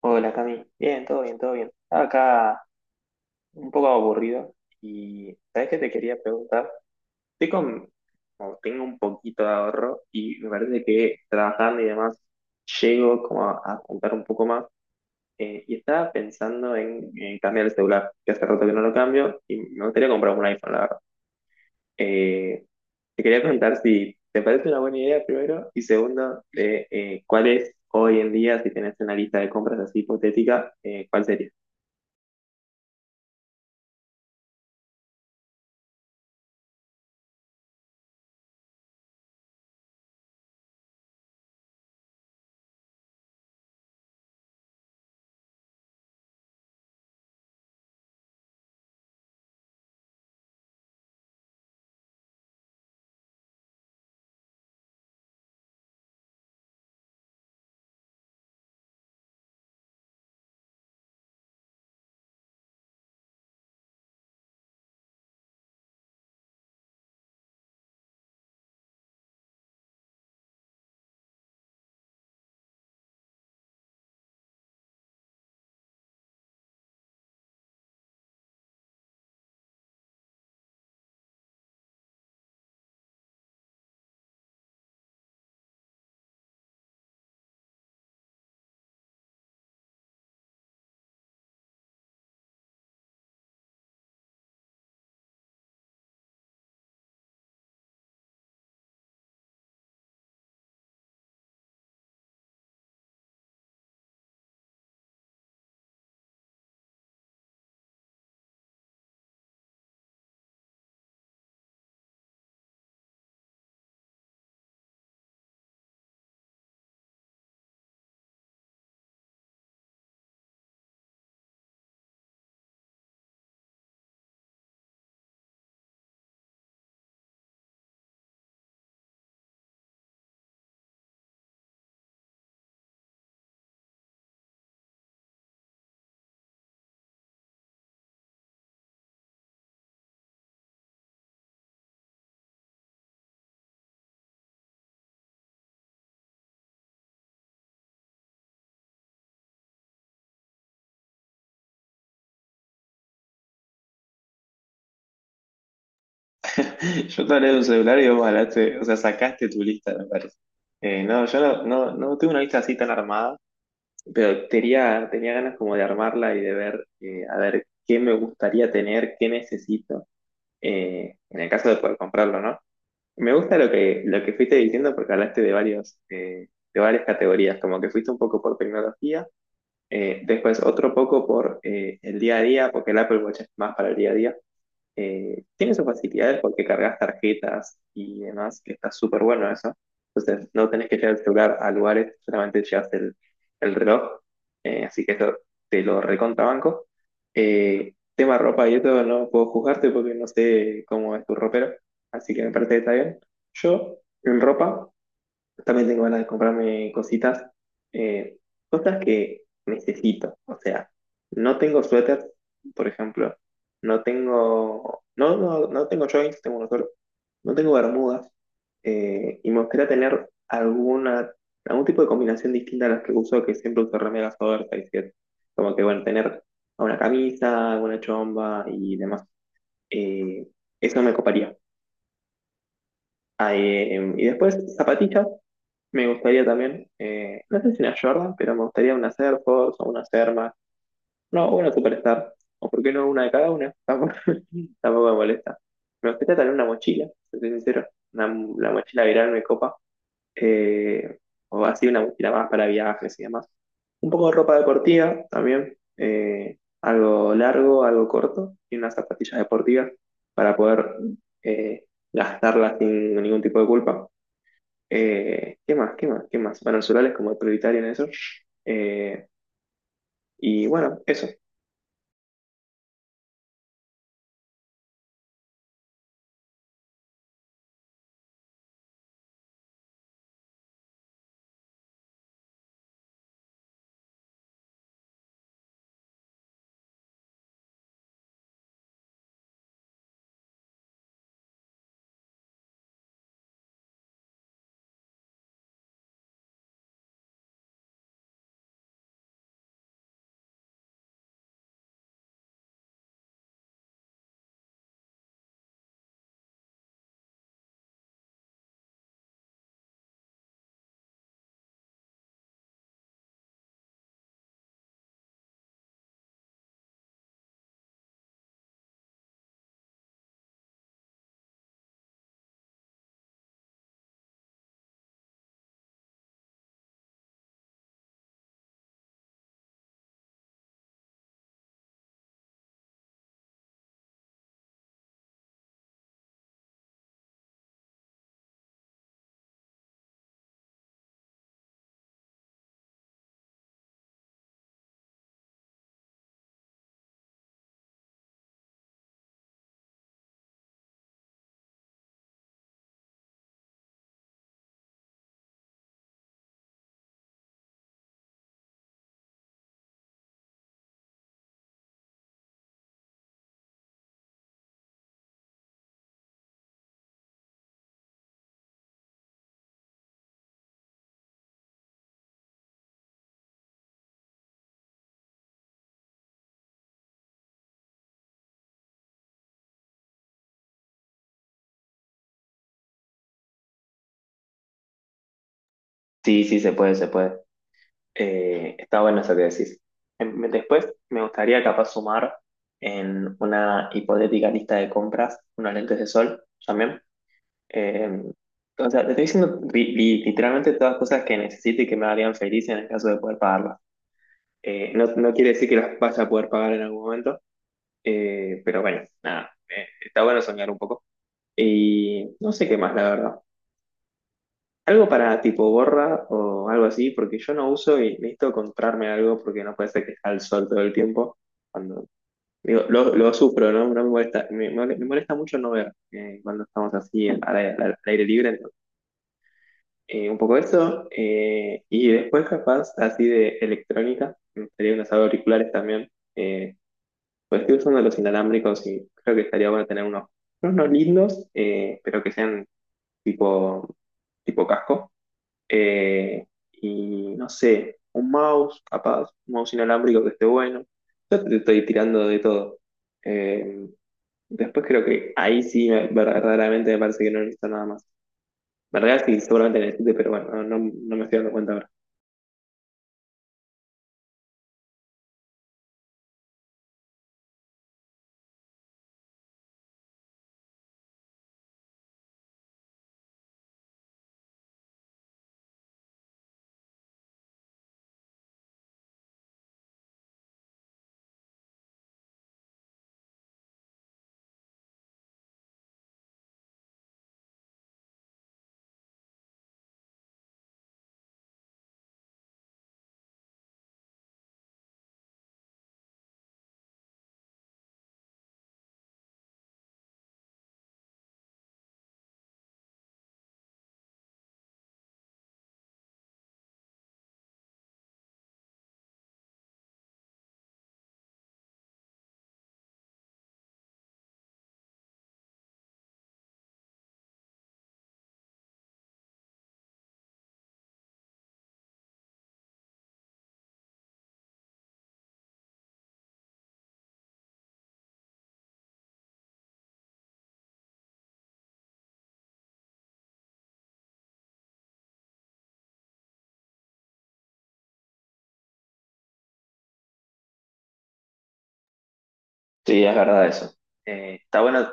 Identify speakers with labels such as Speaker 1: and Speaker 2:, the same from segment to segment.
Speaker 1: Hola Cami, bien, todo bien, todo bien. Estaba acá un poco aburrido y ¿sabes qué te quería preguntar? Estoy con, como tengo un poquito de ahorro y me parece que trabajando y demás llego como a juntar un poco más y estaba pensando en cambiar el celular, que hace rato que no lo cambio y me gustaría comprar un iPhone, la verdad. Eh, Te quería preguntar si te parece una buena idea primero y segundo, ¿cuál es hoy en día, si tenés una lista de compras así hipotética, cuál sería? Yo te hablé de un celular y vos hablaste, o sea, sacaste tu lista, me parece. No, yo no, no, no tengo una lista así tan armada, pero tenía ganas como de armarla y de ver, a ver, qué me gustaría tener, qué necesito, en el caso de poder comprarlo, ¿no? Me gusta lo que fuiste diciendo porque hablaste de varios, de varias categorías, como que fuiste un poco por tecnología, después otro poco por el día a día, porque el Apple Watch es más para el día a día tiene sus facilidades porque cargas tarjetas y demás, que está súper bueno eso. Entonces, no tenés que llevar el celular a lugares, solamente llevas el reloj. Así que eso te lo recontrabanco. Tema ropa y todo, no puedo juzgarte porque no sé cómo es tu ropero. Así que me parece que está bien. Yo, en ropa, también tengo ganas de comprarme cositas, eh, cosas que necesito. O sea, no tengo suéteres, por ejemplo. No tengo, no, no, no tengo joints, tengo uno solo. No tengo bermudas. Y me gustaría tener algún tipo de combinación distinta a las que uso, que siempre uso remeras oversize, que es como que, bueno, tener una camisa, alguna chomba y demás. Eh, Eso me coparía. Ah, y después zapatillas, me gustaría también, no sé si una Jordan, pero me gustaría una Air Force o una Serma. No, una Superstar. O por qué no una de cada una. Tampoco me molesta. Me gustaría tener una mochila, si soy sincero. Una, la mochila viral me copa. eh, o así una mochila más para viajes y demás. Un poco de ropa deportiva también. Algo largo, algo corto. Y unas zapatillas deportivas para poder eh, gastarlas sin ningún tipo de culpa. ¿Qué más? ¿Qué más? ¿Qué más? Bueno, el solar es como el prioritario en eso. Eh, y bueno, eso. Sí, sí, se puede, se puede. Está bueno eso que decís. Después me gustaría capaz sumar en una hipotética lista de compras unos lentes de sol también. Eh, o sea, te estoy diciendo literalmente todas las cosas que necesite y que me harían feliz en el caso de poder pagarlas. No, no quiere decir que las vas a poder pagar en algún momento, pero bueno, nada, está bueno soñar un poco. Y no sé qué más, la verdad. Algo para tipo gorra o algo así, porque yo no uso y necesito comprarme algo porque no puede ser que esté al sol todo el tiempo. Cuando, digo, lo sufro, ¿no? No me molesta, me molesta mucho no ver cuando estamos así al aire libre. ¿No? Un poco eso. Y después capaz así de electrónica, me gustaría unos auriculares también. eh, pues estoy usando los inalámbricos y creo que estaría bueno tener unos lindos, pero que sean tipo, tipo casco. Eh, y no sé, un mouse, capaz, un mouse inalámbrico que esté bueno. Yo te estoy tirando de todo. Eh, Después creo que ahí sí, verdaderamente me parece que no necesito nada más. En realidad sí, seguramente necesite, pero bueno, no, no, no me estoy dando cuenta ahora. Sí, es verdad eso. Está bueno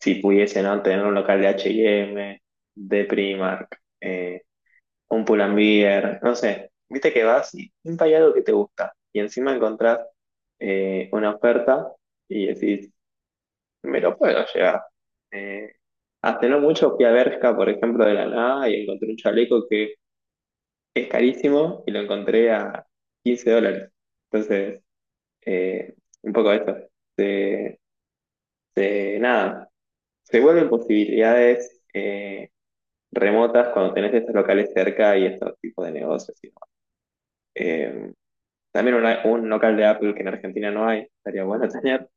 Speaker 1: si pudiese, ¿no? Tener un local de H&M, de Primark, un Pull&Bear, no sé. Viste que vas y siempre hay algo que te gusta. Y encima encontrás una oferta y decís, me lo puedo llevar. Eh, Hace no mucho fui a Bershka, por ejemplo, de la nada y encontré un chaleco que es carísimo y lo encontré a 15 dólares. Entonces, eh, un poco eso. Se, Nada, se vuelven posibilidades remotas cuando tenés estos locales cerca y estos tipos de negocios. Y demás. Eh, También un local de Apple que en Argentina no hay, estaría bueno tener.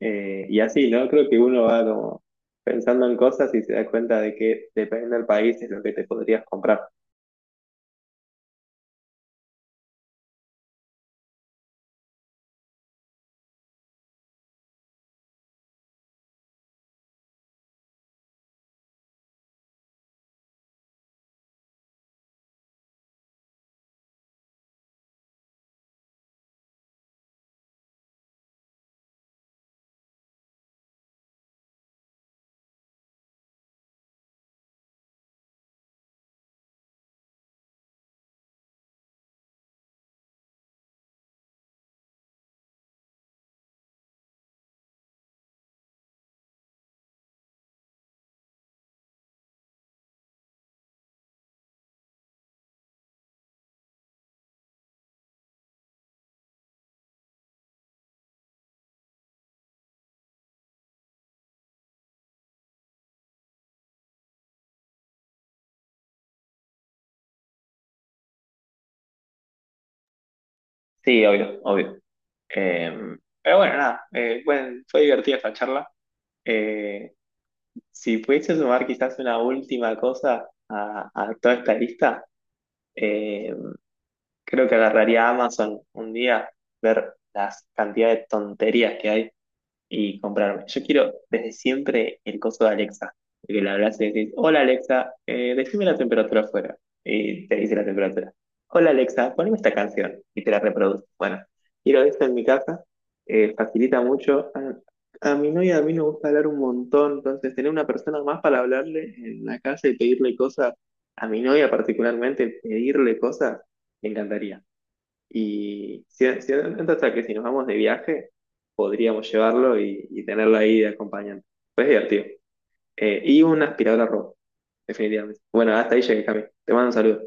Speaker 1: Y así, ¿no? Creo que uno va como pensando en cosas y se da cuenta de que dependiendo del país es lo que te podrías comprar. Sí, obvio, obvio. Eh, pero bueno, nada, bueno, fue divertida esta charla. Eh, si pudiese sumar quizás una última cosa a toda esta lista, eh, creo que agarraría Amazon un día, ver las cantidades de tonterías que hay y comprarme. Yo quiero desde siempre el coso de Alexa, de que le hablas y le decís, hola Alexa, decime la temperatura afuera, y te dice la temperatura. Hola Alexa, poneme esta canción, y te la reproduce. Bueno, quiero esto en mi casa, facilita mucho. A mi novia a mí me gusta hablar un montón, entonces tener una persona más para hablarle en la casa y pedirle cosas, a mi novia particularmente, pedirle cosas, me encantaría. Y si, si hasta que si nos vamos de viaje, podríamos llevarlo y tenerlo ahí de acompañante. Pues es divertido. Y una aspiradora robot, definitivamente. Bueno, hasta ahí llegué, Cami. Te mando un saludo.